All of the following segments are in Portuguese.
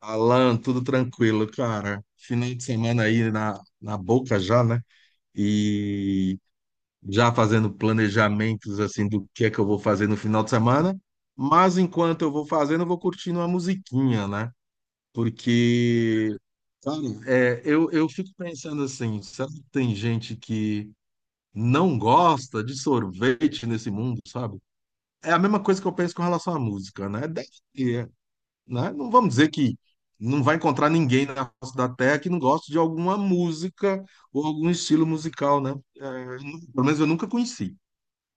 Alan, tudo tranquilo, cara. Final de semana aí na boca já, né? E já fazendo planejamentos assim do que é que eu vou fazer no final de semana. Mas enquanto eu vou fazendo, eu vou curtindo uma musiquinha, né? Porque, cara, eu fico pensando assim, será que tem gente que não gosta de sorvete nesse mundo, sabe? É a mesma coisa que eu penso com relação à música, né? Deve ter, né? Não vamos dizer que não vai encontrar ninguém na face da Terra que não goste de alguma música ou algum estilo musical, né? Pelo menos eu nunca conheci.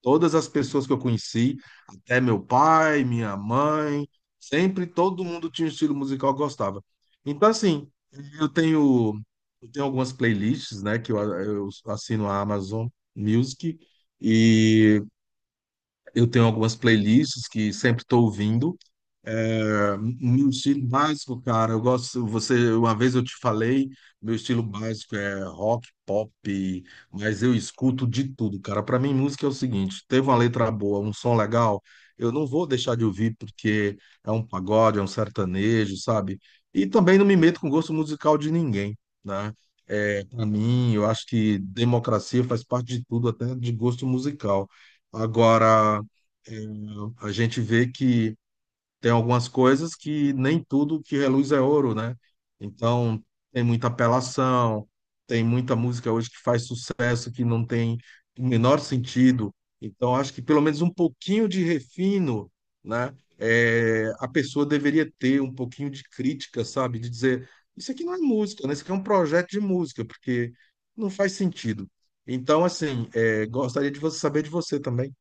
Todas as pessoas que eu conheci, até meu pai, minha mãe, sempre todo mundo tinha um estilo musical que gostava. Então, assim, eu tenho, eu tenho algumas playlists, né, que eu assino a Amazon Music e eu tenho algumas playlists que sempre estou ouvindo. Meu estilo básico, cara, eu gosto. Você, uma vez eu te falei, meu estilo básico é rock, pop, mas eu escuto de tudo, cara. Para mim, música é o seguinte: teve uma letra boa, um som legal, eu não vou deixar de ouvir porque é um pagode, é um sertanejo, sabe? E também não me meto com gosto musical de ninguém, né? Para mim, eu acho que democracia faz parte de tudo, até de gosto musical. Agora, é, a gente vê que tem algumas coisas que nem tudo que reluz é ouro, né? Então, tem muita apelação, tem muita música hoje que faz sucesso que não tem o menor sentido. Então, acho que pelo menos um pouquinho de refino, né? A pessoa deveria ter um pouquinho de crítica, sabe? De dizer, isso aqui não é música, né? Isso aqui é um projeto de música, porque não faz sentido. Então, assim, gostaria de você saber de você também.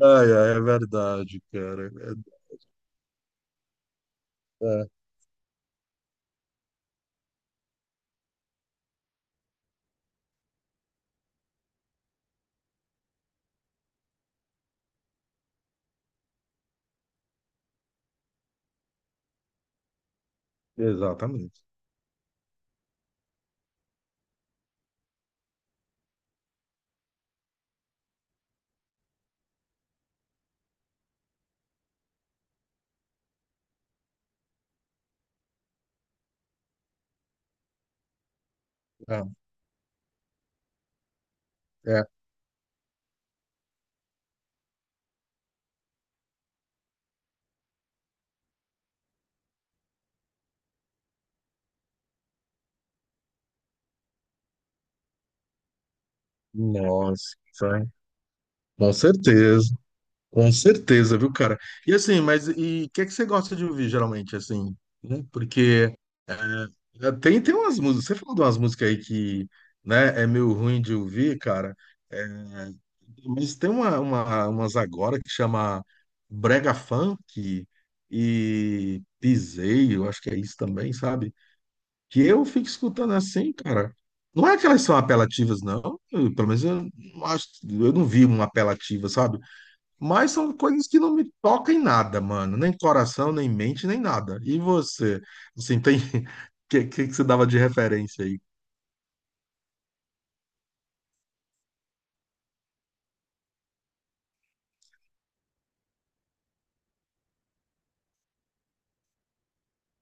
Ai, ai, é verdade, cara. Exatamente. É, é. Nossa, hein? Com certeza, com certeza, viu, cara? E assim, mas e o que é que você gosta de ouvir geralmente, assim, né? Porque tem umas músicas, você falou de umas músicas aí que, né, é meio ruim de ouvir, cara, é, mas tem uma, umas agora que chama Brega Funk e Piseiro, acho que é isso também, sabe? Que eu fico escutando assim, cara. Não é que elas são apelativas, não. Pelo menos eu não acho, eu não vi uma apelativa, sabe? Mas são coisas que não me tocam em nada, mano. Nem coração, nem mente, nem nada. E você? Assim, tem. O que você dava de referência aí?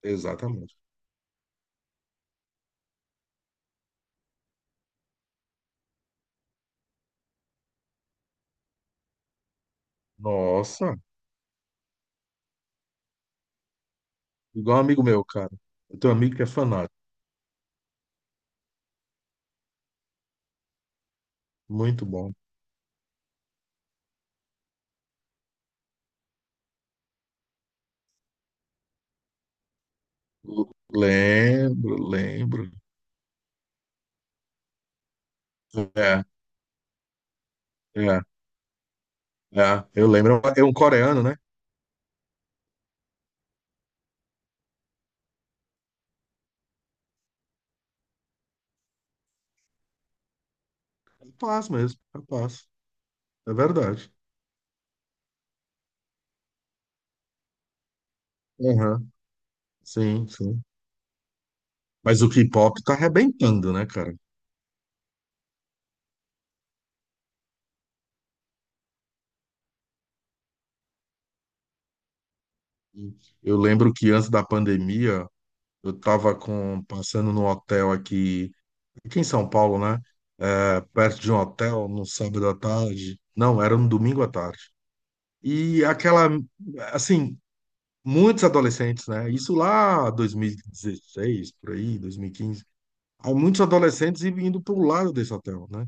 Exatamente. Nossa, igual um amigo meu, cara. Eu tenho um amigo que é fanático. Muito bom. Lembro, lembro. É, é, é. Eu lembro. É um coreano, né? Rapaz mesmo, rapaz. É verdade. Aham, sim, sim. Mas o K-pop tá arrebentando, né, cara? Eu lembro que antes da pandemia, eu tava passando num hotel aqui em São Paulo, né? Perto de um hotel, no sábado à tarde. Não, era no domingo à tarde. E aquela, assim, muitos adolescentes, né? Isso lá 2016, por aí, 2015. Há muitos adolescentes indo pro lado desse hotel, né?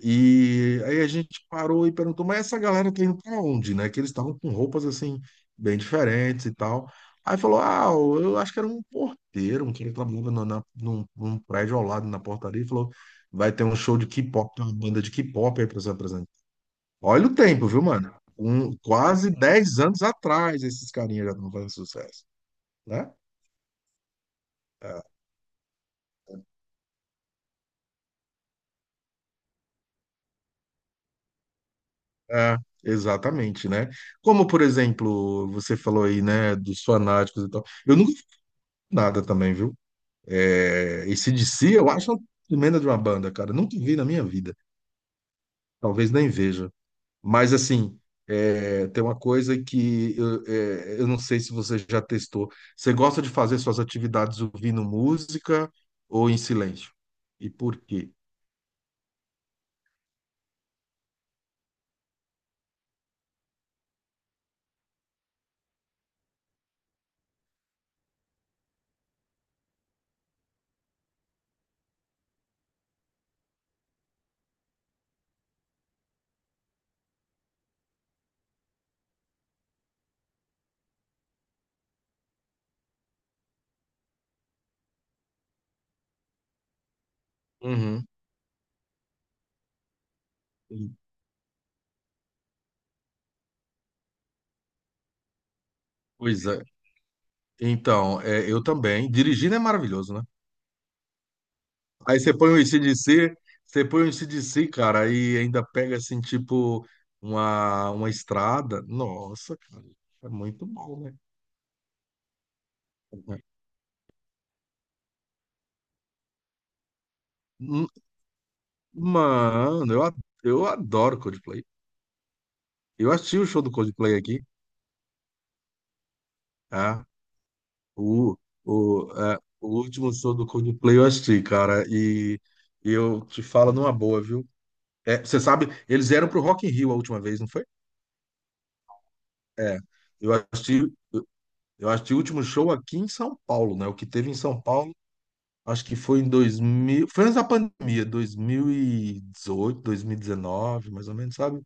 E aí a gente parou e perguntou, mas essa galera tá indo pra onde, né? Que eles estavam com roupas assim, bem diferentes e tal. Aí falou, ah, eu acho que era um porteiro, um cara que trabalhava num prédio ao lado, na portaria, e falou, vai ter um show de K-pop, tem uma banda de K-pop aí pra você apresentar. Olha o tempo, viu, mano? Quase 10 anos atrás esses carinhas já estão fazendo sucesso, né? É, é, exatamente, né? Como, por exemplo, você falou aí, né, dos fanáticos e tal. Eu nunca fiz nada também, viu? AC/DC, eu acho uma tremenda de uma banda, cara. Nunca vi na minha vida. Talvez nem veja. Mas, assim, tem uma coisa que eu não sei se você já testou. Você gosta de fazer suas atividades ouvindo música ou em silêncio? E por quê? Uhum. Pois é. Então, eu também. Dirigindo é maravilhoso, né? Aí você põe um ac Você põe um ac, cara, aí ainda pega assim, tipo, uma estrada. Nossa, cara, é muito bom, né? Hum, Mano, eu adoro Coldplay. Eu assisti o show do Coldplay aqui, tá? O, o último show do Coldplay eu assisti, cara, e eu te falo numa boa, viu? Você sabe, eles vieram pro Rock in Rio a última vez, não foi? É, eu assisti, eu assisti o último show aqui em São Paulo, né? O que teve em São Paulo. Acho que foi em 2000, foi antes da pandemia, 2018, 2019, mais ou menos, sabe?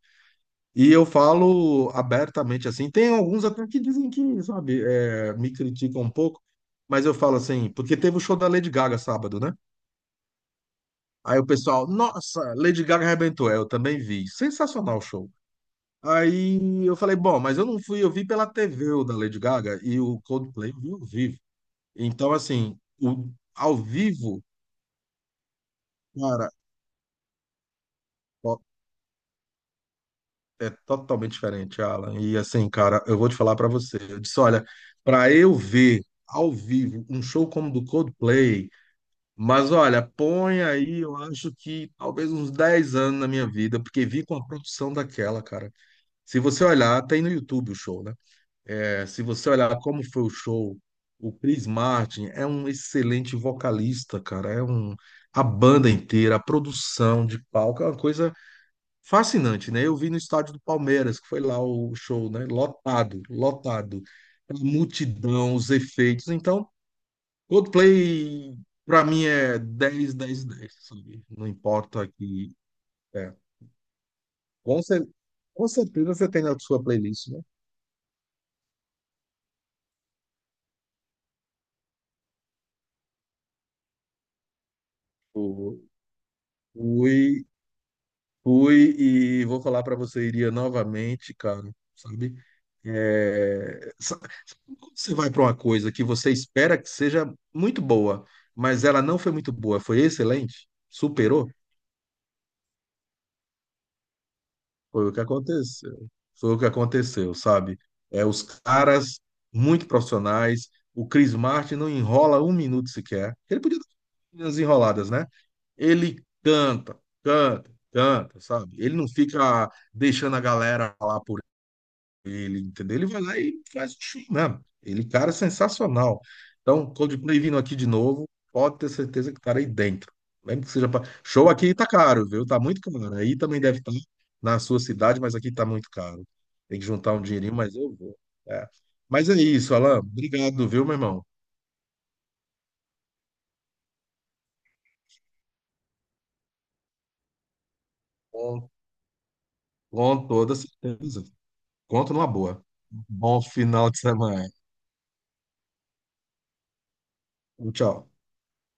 E eu falo abertamente assim. Tem alguns até que dizem que, sabe, me criticam um pouco, mas eu falo assim, porque teve o show da Lady Gaga sábado, né? Aí o pessoal, nossa, Lady Gaga arrebentou. Eu também vi. Sensacional o show. Aí eu falei, bom, mas eu não fui, eu vi pela TV o da Lady Gaga e o Coldplay eu vi ao vivo. Então, assim, ao vivo, cara. É totalmente diferente, Alan. E assim, cara, eu vou te falar pra você. Eu disse, olha, pra eu ver ao vivo um show como o do Coldplay, mas olha, põe aí, eu acho que talvez uns 10 anos na minha vida, porque vi com a produção daquela, cara. Se você olhar, tem no YouTube o show, né? Se você olhar como foi o show, o Chris Martin é um excelente vocalista, cara. A banda inteira, a produção de palco, é uma coisa fascinante, né? Eu vi no estádio do Palmeiras, que foi lá o show, né? Lotado, lotado. A multidão, os efeitos. Então, Coldplay, para mim, é 10, 10, dez, sabe? Não importa que. É. Com, cer- com certeza você tem na sua playlist, né? O, o, Fui e vou falar para você, iria novamente, cara, sabe? Sabe quando você vai para uma coisa que você espera que seja muito boa, mas ela não foi muito boa, foi excelente, superou, foi o que aconteceu. Foi o que aconteceu, sabe? Os caras muito profissionais, o Chris Martin não enrola um minuto sequer. Ele podia dar umas enroladas, né? Ele canta, canta, canta, sabe? Ele não fica deixando a galera lá por ele, entendeu? Ele vai lá e faz o show mesmo. Ele, cara, é sensacional. Então, Coldplay vindo aqui de novo, pode ter certeza que estarei dentro. Mesmo que seja pra. Show aqui tá caro, viu? Tá muito caro. Aí também deve estar na sua cidade, mas aqui tá muito caro. Tem que juntar um dinheirinho, mas eu vou. É. Mas é isso, Alan. Obrigado, viu, meu irmão? Com, com toda certeza. Conto numa boa. Bom final de semana. Tchau.